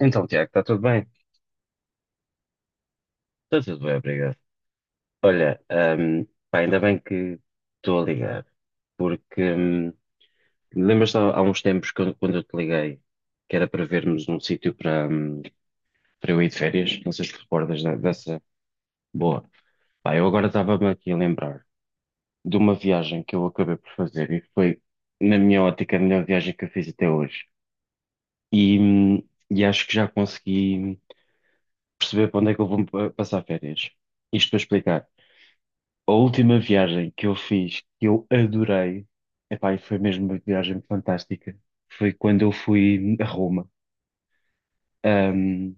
Então, Tiago, está tudo bem? Está tudo bem, obrigado. Olha, hum, pá, ainda bem que estou a ligar, porque lembras-te há uns tempos quando eu te liguei que era para vermos um sítio para, para eu ir de férias? Não sei se te recordas dessa. Boa. Pá, eu agora estava-me aqui a lembrar de uma viagem que eu acabei por fazer e foi, na minha ótica, a melhor viagem que eu fiz até hoje. E, hum, e acho que já consegui perceber para onde é que eu vou passar férias. Isto para explicar. A última viagem que eu fiz, que eu adorei, epá, e foi mesmo uma viagem fantástica, foi quando eu fui a Roma. Ahm,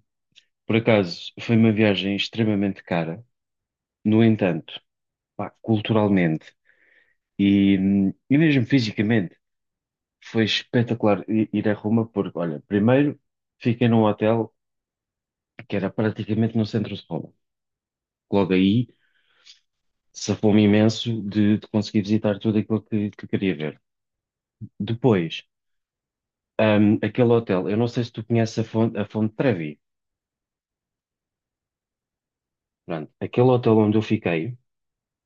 por acaso, foi uma viagem extremamente cara. No entanto, pá, culturalmente e mesmo fisicamente, foi espetacular ir a Roma, porque, olha, primeiro fiquei num hotel que era praticamente no centro de Roma. Logo aí, safou-me imenso de, conseguir visitar tudo aquilo que queria ver. Depois, aquele hotel, eu não sei se tu conheces a Fonte Trevi. Pronto, aquele hotel onde eu fiquei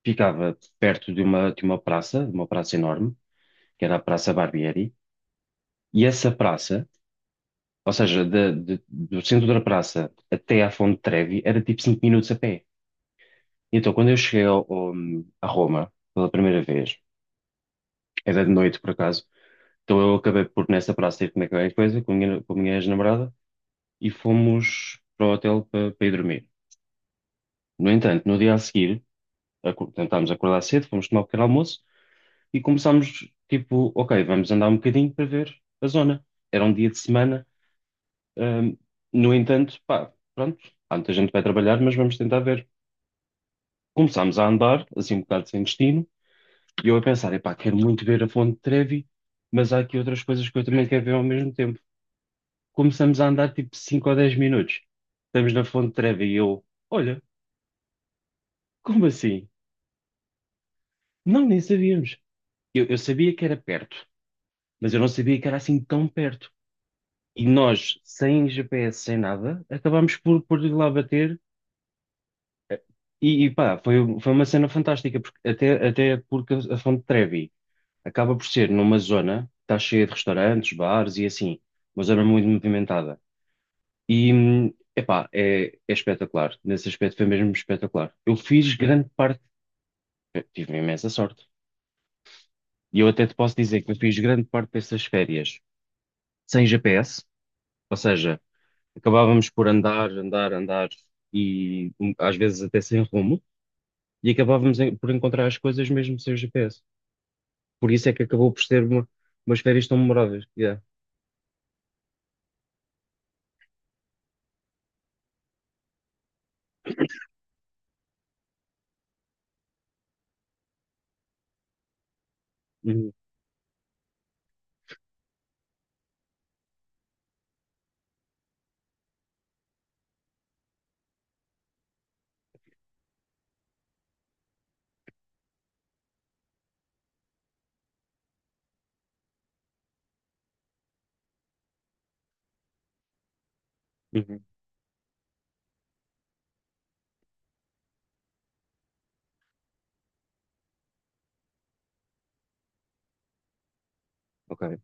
ficava perto de uma, de uma praça enorme, que era a Praça Barbieri, e essa praça, ou seja, do centro da praça até à Fonte Trevi, era tipo 5 minutos a pé. Então, quando eu cheguei a Roma pela primeira vez, era de noite por acaso, então eu acabei por nessa praça ir comer qualquer coisa com a minha ex-namorada e fomos para o hotel para, ir dormir. No entanto, no dia a seguir, tentámos acordar cedo, fomos tomar o pequeno almoço e começámos, tipo, ok, vamos andar um bocadinho para ver a zona. Era um dia de semana, ahm, no entanto, pá, pronto, há muita gente que vai trabalhar, mas vamos tentar ver. Começámos a andar assim um bocado sem destino, e eu a pensar, epá, quero muito ver a Fonte de Trevi, mas há aqui outras coisas que eu também quero ver ao mesmo tempo. Começamos a andar tipo 5 ou 10 minutos. Estamos na Fonte de Trevi e eu, olha, como assim? Não, nem sabíamos. Eu sabia que era perto, mas eu não sabia que era assim tão perto. E nós, sem GPS, sem nada, acabámos por ir lá bater e pá, foi uma cena fantástica, porque, até porque a Fonte Trevi acaba por ser numa zona que está cheia de restaurantes, bares e assim, uma zona muito movimentada. E, epá, é espetacular. Nesse aspecto foi mesmo espetacular. Eu fiz grande parte, eu tive imensa sorte, e eu até te posso dizer que eu fiz grande parte dessas férias sem GPS, ou seja, acabávamos por andar, andar, andar e um, às vezes até sem rumo, e acabávamos por encontrar as coisas mesmo sem GPS. Por isso é que acabou por ser umas férias tão memoráveis. Yeah. Uhum, uhum, ok.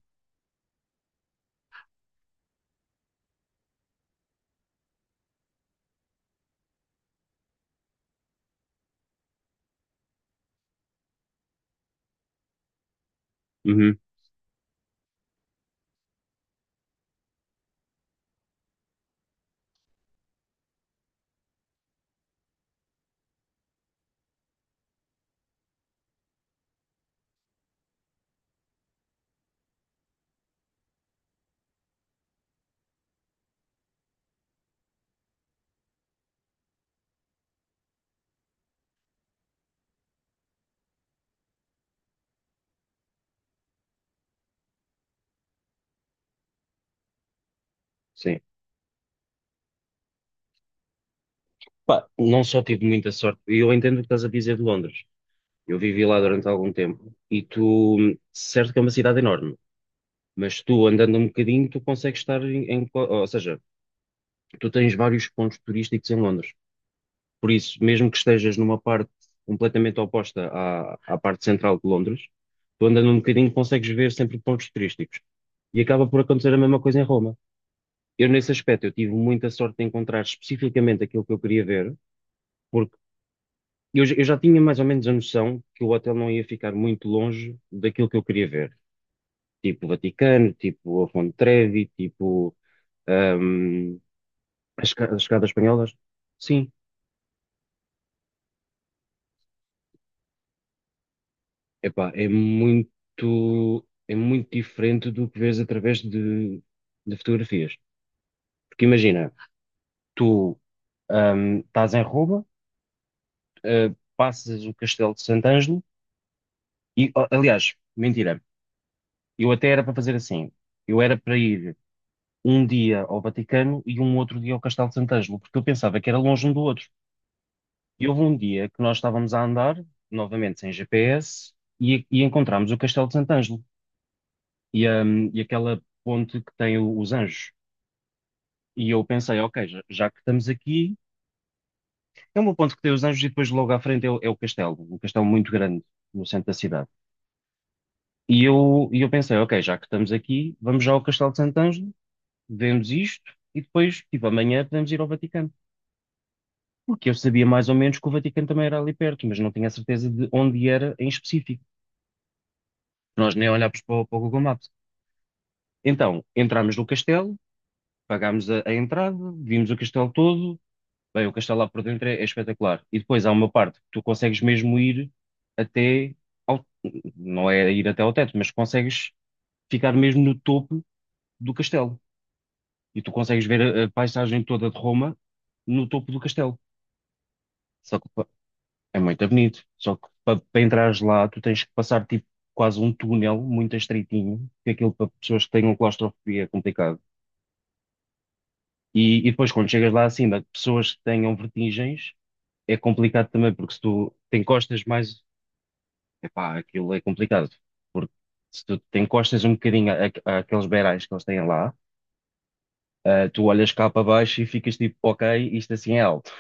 Uhum, sim. Pá, não só tive muita sorte, e eu entendo o que estás a dizer de Londres. Eu vivi lá durante algum tempo, e tu, certo que é uma cidade enorme, mas tu andando um bocadinho, tu consegues estar em ou seja, tu tens vários pontos turísticos em Londres. Por isso, mesmo que estejas numa parte completamente oposta à parte central de Londres, tu andando um bocadinho consegues ver sempre pontos turísticos. E acaba por acontecer a mesma coisa em Roma. Eu, nesse aspecto, eu tive muita sorte de encontrar especificamente aquilo que eu queria ver, porque eu já tinha mais ou menos a noção que o hotel não ia ficar muito longe daquilo que eu queria ver. Tipo o Vaticano, tipo a Fonte Trevi, tipo ahm, as escadas espanholas. Sim, epá, é muito diferente do que vês através de, fotografias. Porque imagina, tu estás em Roma, passas o Castelo de Sant'Angelo e, oh, aliás, mentira, eu até era para fazer assim. Eu era para ir um dia ao Vaticano e um outro dia ao Castelo de Sant'Angelo, porque eu pensava que era longe um do outro. E houve um dia que nós estávamos a andar, novamente sem GPS, e encontramos o Castelo de Sant'Angelo e aquela ponte que tem os anjos. E eu pensei, ok, já que estamos aqui, é o meu ponto que tem os Anjos, e depois logo à frente é o castelo, um castelo muito grande no centro da cidade. E eu pensei, ok, já que estamos aqui, vamos já ao Castelo de Sant'Angelo, vemos isto e depois, tipo, amanhã podemos ir ao Vaticano. Porque eu sabia mais ou menos que o Vaticano também era ali perto, mas não tinha a certeza de onde era em específico. Nós nem olhámos para o, para o Google Maps. Então, entrámos no castelo, pagámos a entrada, vimos o castelo todo. Bem, o castelo lá por dentro é espetacular. E depois há uma parte que tu consegues mesmo ir até ao, não é ir até ao teto, mas consegues ficar mesmo no topo do castelo. E tu consegues ver a paisagem toda de Roma no topo do castelo. Só que pá, é muito bonito. Só que para entrares lá, tu tens que passar tipo quase um túnel muito estreitinho, que é aquilo para pessoas que tenham claustrofobia é complicado. E depois quando chegas lá acima, pessoas que tenham vertigens, é complicado também, porque se tu te encostas mais, epá, aquilo é complicado, porque se tu te encostas um bocadinho àqueles beirais que eles têm lá, tu olhas cá para baixo e ficas tipo, ok, isto assim é alto.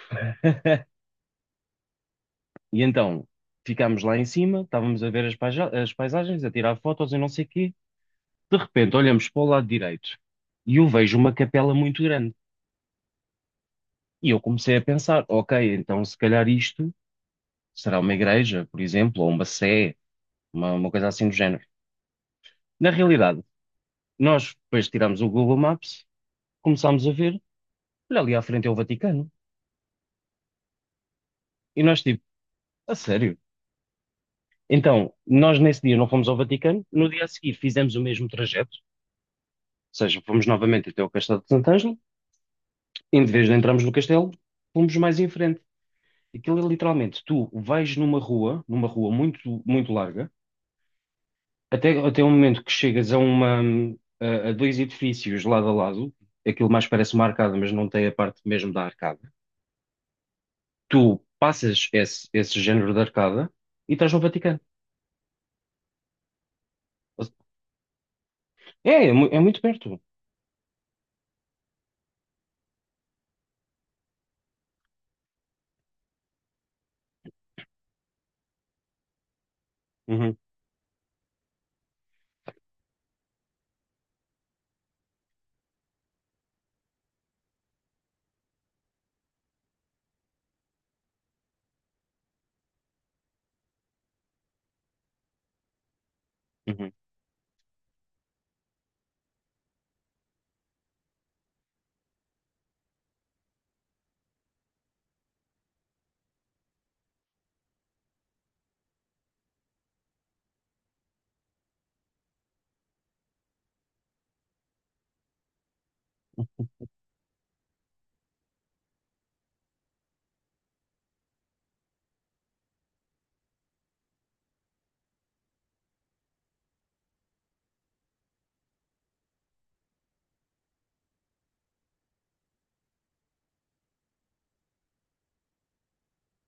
E então, ficámos lá em cima, estávamos a ver as paisagens, a tirar fotos e não sei o quê. De repente, olhamos para o lado direito e eu vejo uma capela muito grande. E eu comecei a pensar, ok, então se calhar isto será uma igreja, por exemplo, ou uma sé, uma coisa assim do género. Na realidade, nós depois tiramos o Google Maps, começámos a ver, olha, ali à frente é o Vaticano. E nós, tipo, a sério? Então, nós nesse dia não fomos ao Vaticano, no dia a seguir fizemos o mesmo trajeto, ou seja, fomos novamente até o Castelo de Sant'Angelo, e em vez de entrarmos no castelo, fomos mais em frente. Aquilo é literalmente, tu vais numa rua muito, muito larga, até o momento que chegas a dois edifícios lado a lado. Aquilo mais parece uma arcada, mas não tem a parte mesmo da arcada. Tu passas esse, género de arcada, e estás no Vaticano. É muito perto. Uhum, uhum,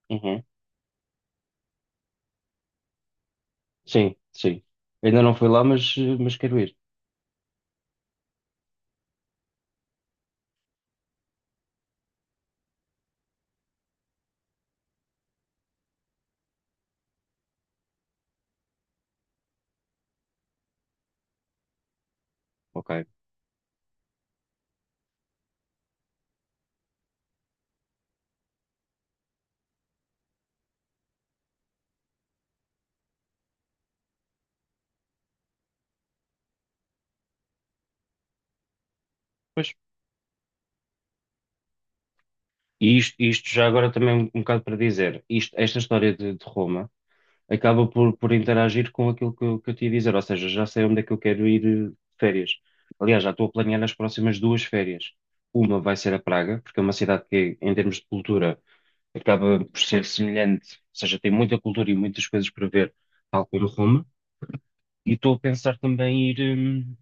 uhum. Sim, sim. Ainda não fui lá, mas quero ir. Ok. Pois. E isto já agora também um bocado para dizer, esta história de Roma acaba por interagir com aquilo que eu te ia dizer, ou seja, já sei onde é que eu quero ir de férias. Aliás, já estou a planear as próximas duas férias. Uma vai ser a Praga, porque é uma cidade que, em termos de cultura, acaba por ser semelhante, ou seja, tem muita cultura e muitas coisas para ver, tal como Roma. E estou a pensar também em ir,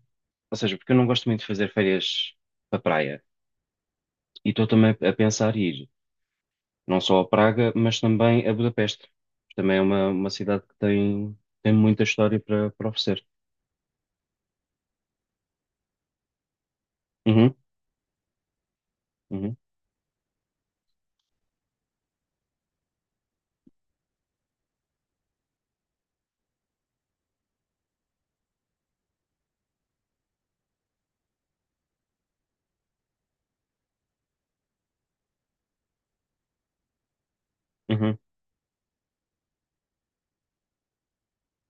ou seja, porque eu não gosto muito de fazer férias para praia. E estou também a pensar em ir não só a Praga, mas também a Budapeste. Também é uma cidade que tem muita história para oferecer. Uhum, uhum, uhum.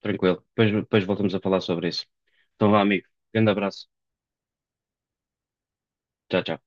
Tranquilo. Depois voltamos a falar sobre isso. Então vá, amigo. Grande abraço. Tchau, tchau.